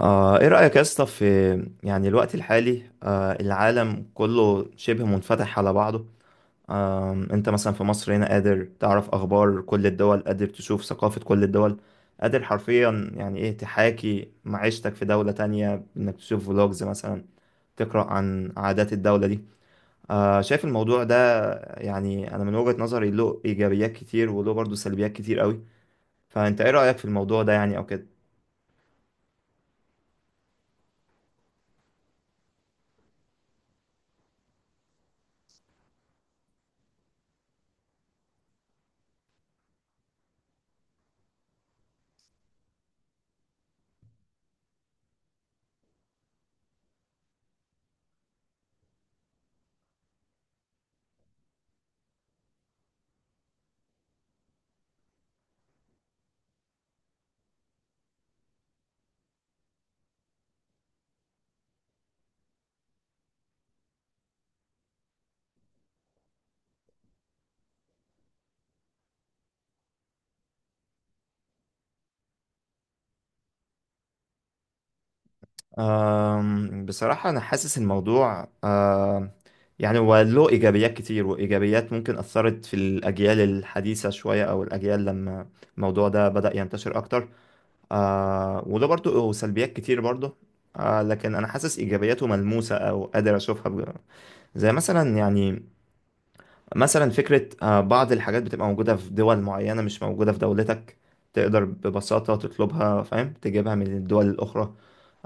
ايه رأيك يا اسطى في يعني الوقت الحالي، العالم كله شبه منفتح على بعضه. انت مثلا في مصر هنا قادر تعرف اخبار كل الدول، قادر تشوف ثقافة كل الدول، قادر حرفيا يعني ايه تحاكي معيشتك في دولة تانية انك تشوف فلوجز مثلا، تقرأ عن عادات الدولة دي. شايف الموضوع ده؟ يعني انا من وجهة نظري له ايجابيات كتير وله برضه سلبيات كتير قوي. فانت ايه رأيك في الموضوع ده يعني او كده؟ بصراحة أنا حاسس الموضوع يعني هو له إيجابيات كتير، وإيجابيات ممكن أثرت في الأجيال الحديثة شوية أو الأجيال لما الموضوع ده بدأ ينتشر أكتر. وله برضه سلبيات كتير برضه. لكن أنا حاسس إيجابياته ملموسة أو قادر أشوفها زي مثلا يعني مثلا فكرة بعض الحاجات بتبقى موجودة في دول معينة مش موجودة في دولتك، تقدر ببساطة تطلبها فاهم تجيبها من الدول الأخرى.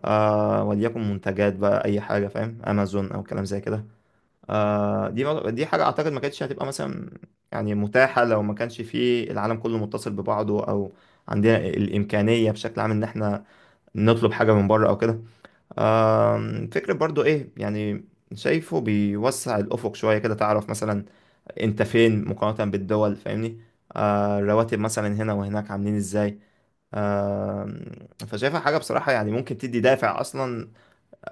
وليكن منتجات بقى أي حاجة فاهم، أمازون أو كلام زي كده. دي حاجة أعتقد ما كانتش هتبقى مثلا يعني متاحة لو ما كانش في العالم كله متصل ببعضه، أو عندنا الإمكانية بشكل عام إن إحنا نطلب حاجة من بره أو كده. فكرة برضو إيه يعني، شايفه بيوسع الأفق شوية كده، تعرف مثلا انت فين مقارنة بالدول فاهمني. الرواتب مثلا هنا وهناك عاملين ازاي؟ آه فشايفها حاجة بصراحة يعني ممكن تدي دافع أصلا.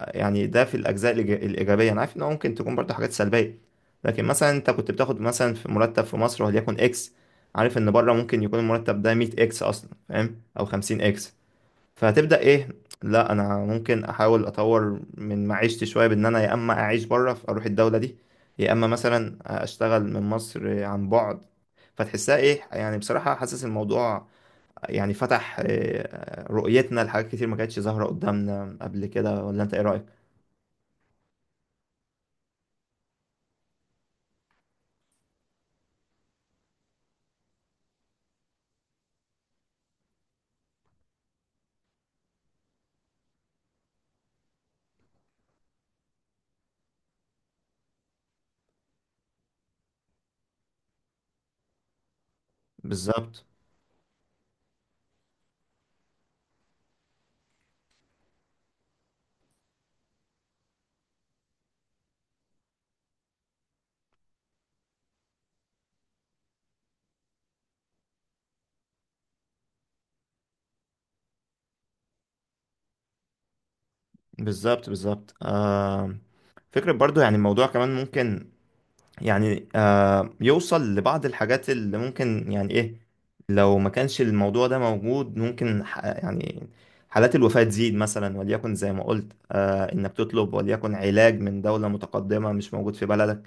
يعني ده في الأجزاء الإيجابية. أنا عارف إن هو ممكن تكون برضه حاجات سلبية، لكن مثلا أنت كنت بتاخد مثلا في مرتب في مصر وليكن إكس، عارف إن بره ممكن يكون المرتب ده 100 إكس أصلا فاهم، أو 50 إكس. فهتبدأ ايه، لا انا ممكن احاول اطور من معيشتي شوية بان انا يا اما اعيش بره اروح الدولة دي، يا اما مثلا اشتغل من مصر عن بعد. فتحسها ايه يعني بصراحة، حاسس الموضوع يعني فتح رؤيتنا لحاجات كتير ما كانتش ظاهرة قدامنا قبل كده. ولا انت ايه رأيك؟ بالظبط بالظبط بالظبط. فكرة برضو يعني الموضوع كمان ممكن يعني يوصل لبعض الحاجات اللي ممكن يعني ايه، لو ما كانش الموضوع ده موجود ممكن يعني حالات الوفاة تزيد مثلا، وليكن زي ما قلت انك تطلب وليكن علاج من دولة متقدمة مش موجود في بلدك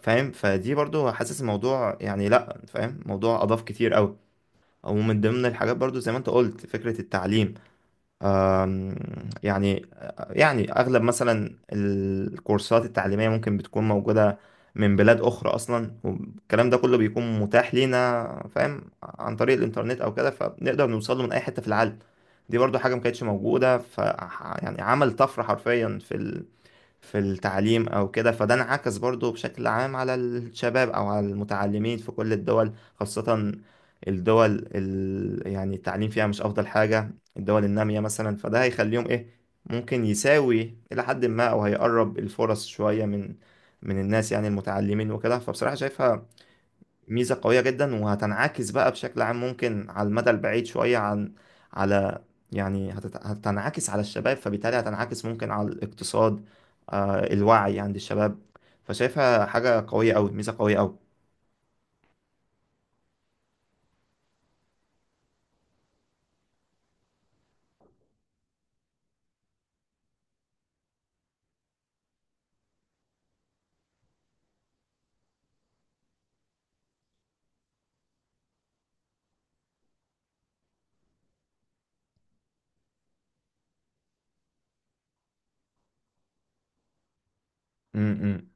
فاهم. فدي برضو حاسس الموضوع يعني لا فاهم، موضوع اضاف كتير قوي. ومن ضمن الحاجات برضو زي ما انت قلت فكرة التعليم. آم، يعني يعني أغلب مثلا الكورسات التعليمية ممكن بتكون موجودة من بلاد أخرى أصلا، والكلام ده كله بيكون متاح لينا فاهم عن طريق الإنترنت أو كده، فبنقدر نوصل له من أي حتة في العالم. دي برضو حاجة ما كانتش موجودة يعني عمل طفرة حرفيا في التعليم او كده. فده انعكس برضو بشكل عام على الشباب او على المتعلمين في كل الدول، خاصة الدول يعني التعليم فيها مش افضل حاجة، الدول النامية مثلا. فده هيخليهم ايه ممكن يساوي الى حد ما، او هيقرب الفرص شوية من الناس يعني المتعلمين وكده. فبصراحة شايفها ميزة قوية جدا، وهتنعكس بقى بشكل عام ممكن على المدى البعيد شوية عن على يعني هتنعكس على الشباب، فبالتالي هتنعكس ممكن على الاقتصاد، الوعي عند الشباب. فشايفها حاجة قوية أوي، ميزة قوية أوي. م- م-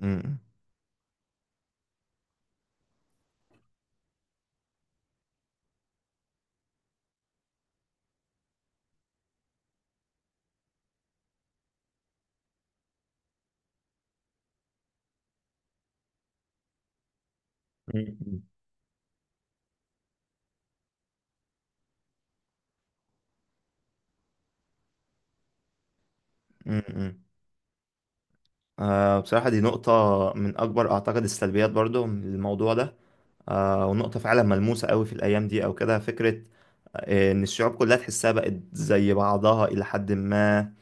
م- م- م- م- بصراحة دي نقطة من أكبر أعتقد السلبيات برضو من الموضوع ده. ونقطة فعلا ملموسة قوي في الأيام دي أو كده. فكرة إن الشعوب كلها تحسها بقت زي بعضها إلى حد ما.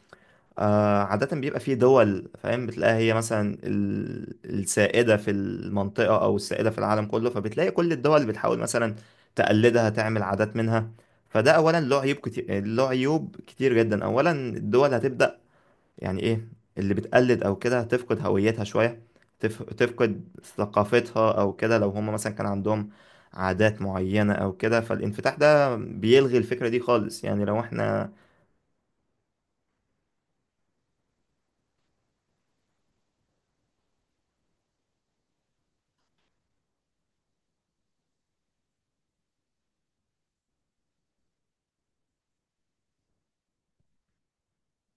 عادة بيبقى في دول فاهم، بتلاقيها هي مثلا السائدة في المنطقة أو السائدة في العالم كله، فبتلاقي كل الدول بتحاول مثلا تقلدها، تعمل عادات منها. فده أولا له عيوب كتير، له عيوب كتير جدا. أولا الدول هتبدأ يعني إيه، اللي بتقلد أو كده هتفقد هويتها شوية، تفقد ثقافتها أو كده. لو هم مثلا كان عندهم عادات معينة أو كده، فالانفتاح ده بيلغي الفكرة دي خالص. يعني لو إحنا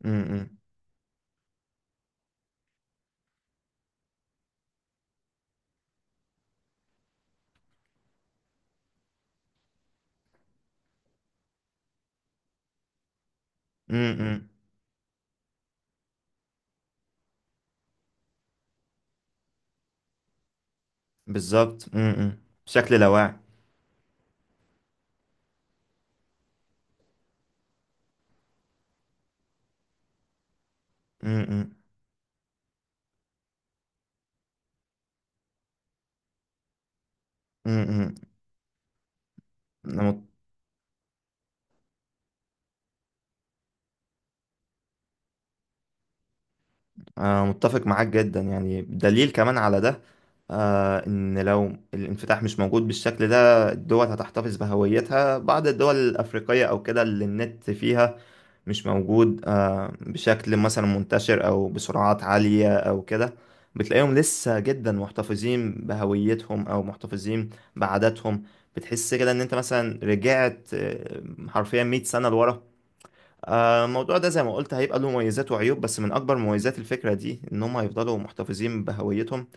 م -م. م- م. بالظبط، بشكل لاواعي. امم امم انا مت- أنا متفق معاك جدا. يعني دليل كمان على ده، ان لو الانفتاح مش موجود بالشكل ده الدول هتحتفظ بهويتها. بعض الدول الافريقيه او كده اللي النت فيها مش موجود بشكل مثلا منتشر او بسرعات عاليه او كده، بتلاقيهم لسه جدا محتفظين بهويتهم او محتفظين بعاداتهم. بتحس كده ان انت مثلا رجعت حرفيا 100 سنه لورا. الموضوع ده زي ما قلت هيبقى له مميزات وعيوب، بس من اكبر مميزات الفكره دي ان هم هيفضلوا محتفظين بهويتهم.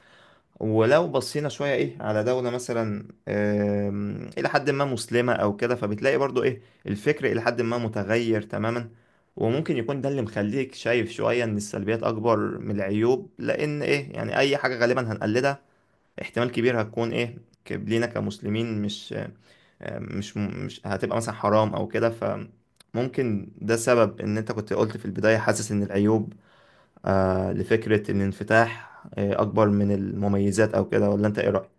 ولو بصينا شويه ايه على دوله مثلا الى حد ما مسلمه او كده، فبتلاقي برضو ايه الفكر الى حد ما متغير تماما. وممكن يكون ده اللي مخليك شايف شويه ان السلبيات اكبر من العيوب، لان ايه يعني اي حاجه غالبا هنقلدها احتمال كبير هتكون ايه لينا كمسلمين مش هتبقى مثلا حرام او كده. فممكن ده سبب ان انت كنت قلت في البداية حاسس ان العيوب لفكرة الانفتاح اكبر من المميزات او كده. ولا انت ايه رأيك؟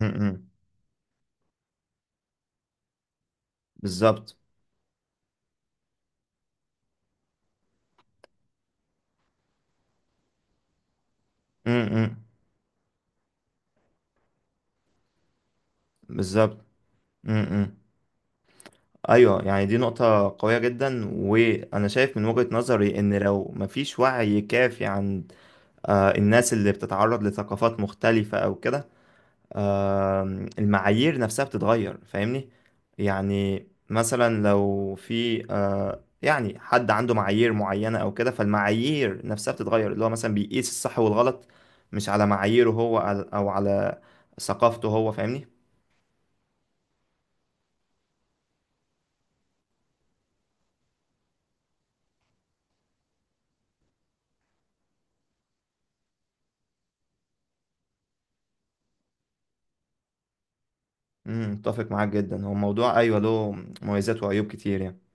م- م. بالظبط. م- م. بالظبط. م- م. ايوه، يعني دي نقطة قوية جدا، وانا شايف من وجهة نظري ان لو مفيش وعي كافي عند الناس اللي بتتعرض لثقافات مختلفة او كده، المعايير نفسها بتتغير فاهمني. يعني مثلا لو في يعني حد عنده معايير معينة او كده، فالمعايير نفسها بتتغير، اللي هو مثلا بيقيس الصح والغلط مش على معاييره هو، او على ثقافته هو فاهمني. متفق معاك جدا. هو الموضوع ايوه له مميزات وعيوب كتير يعني.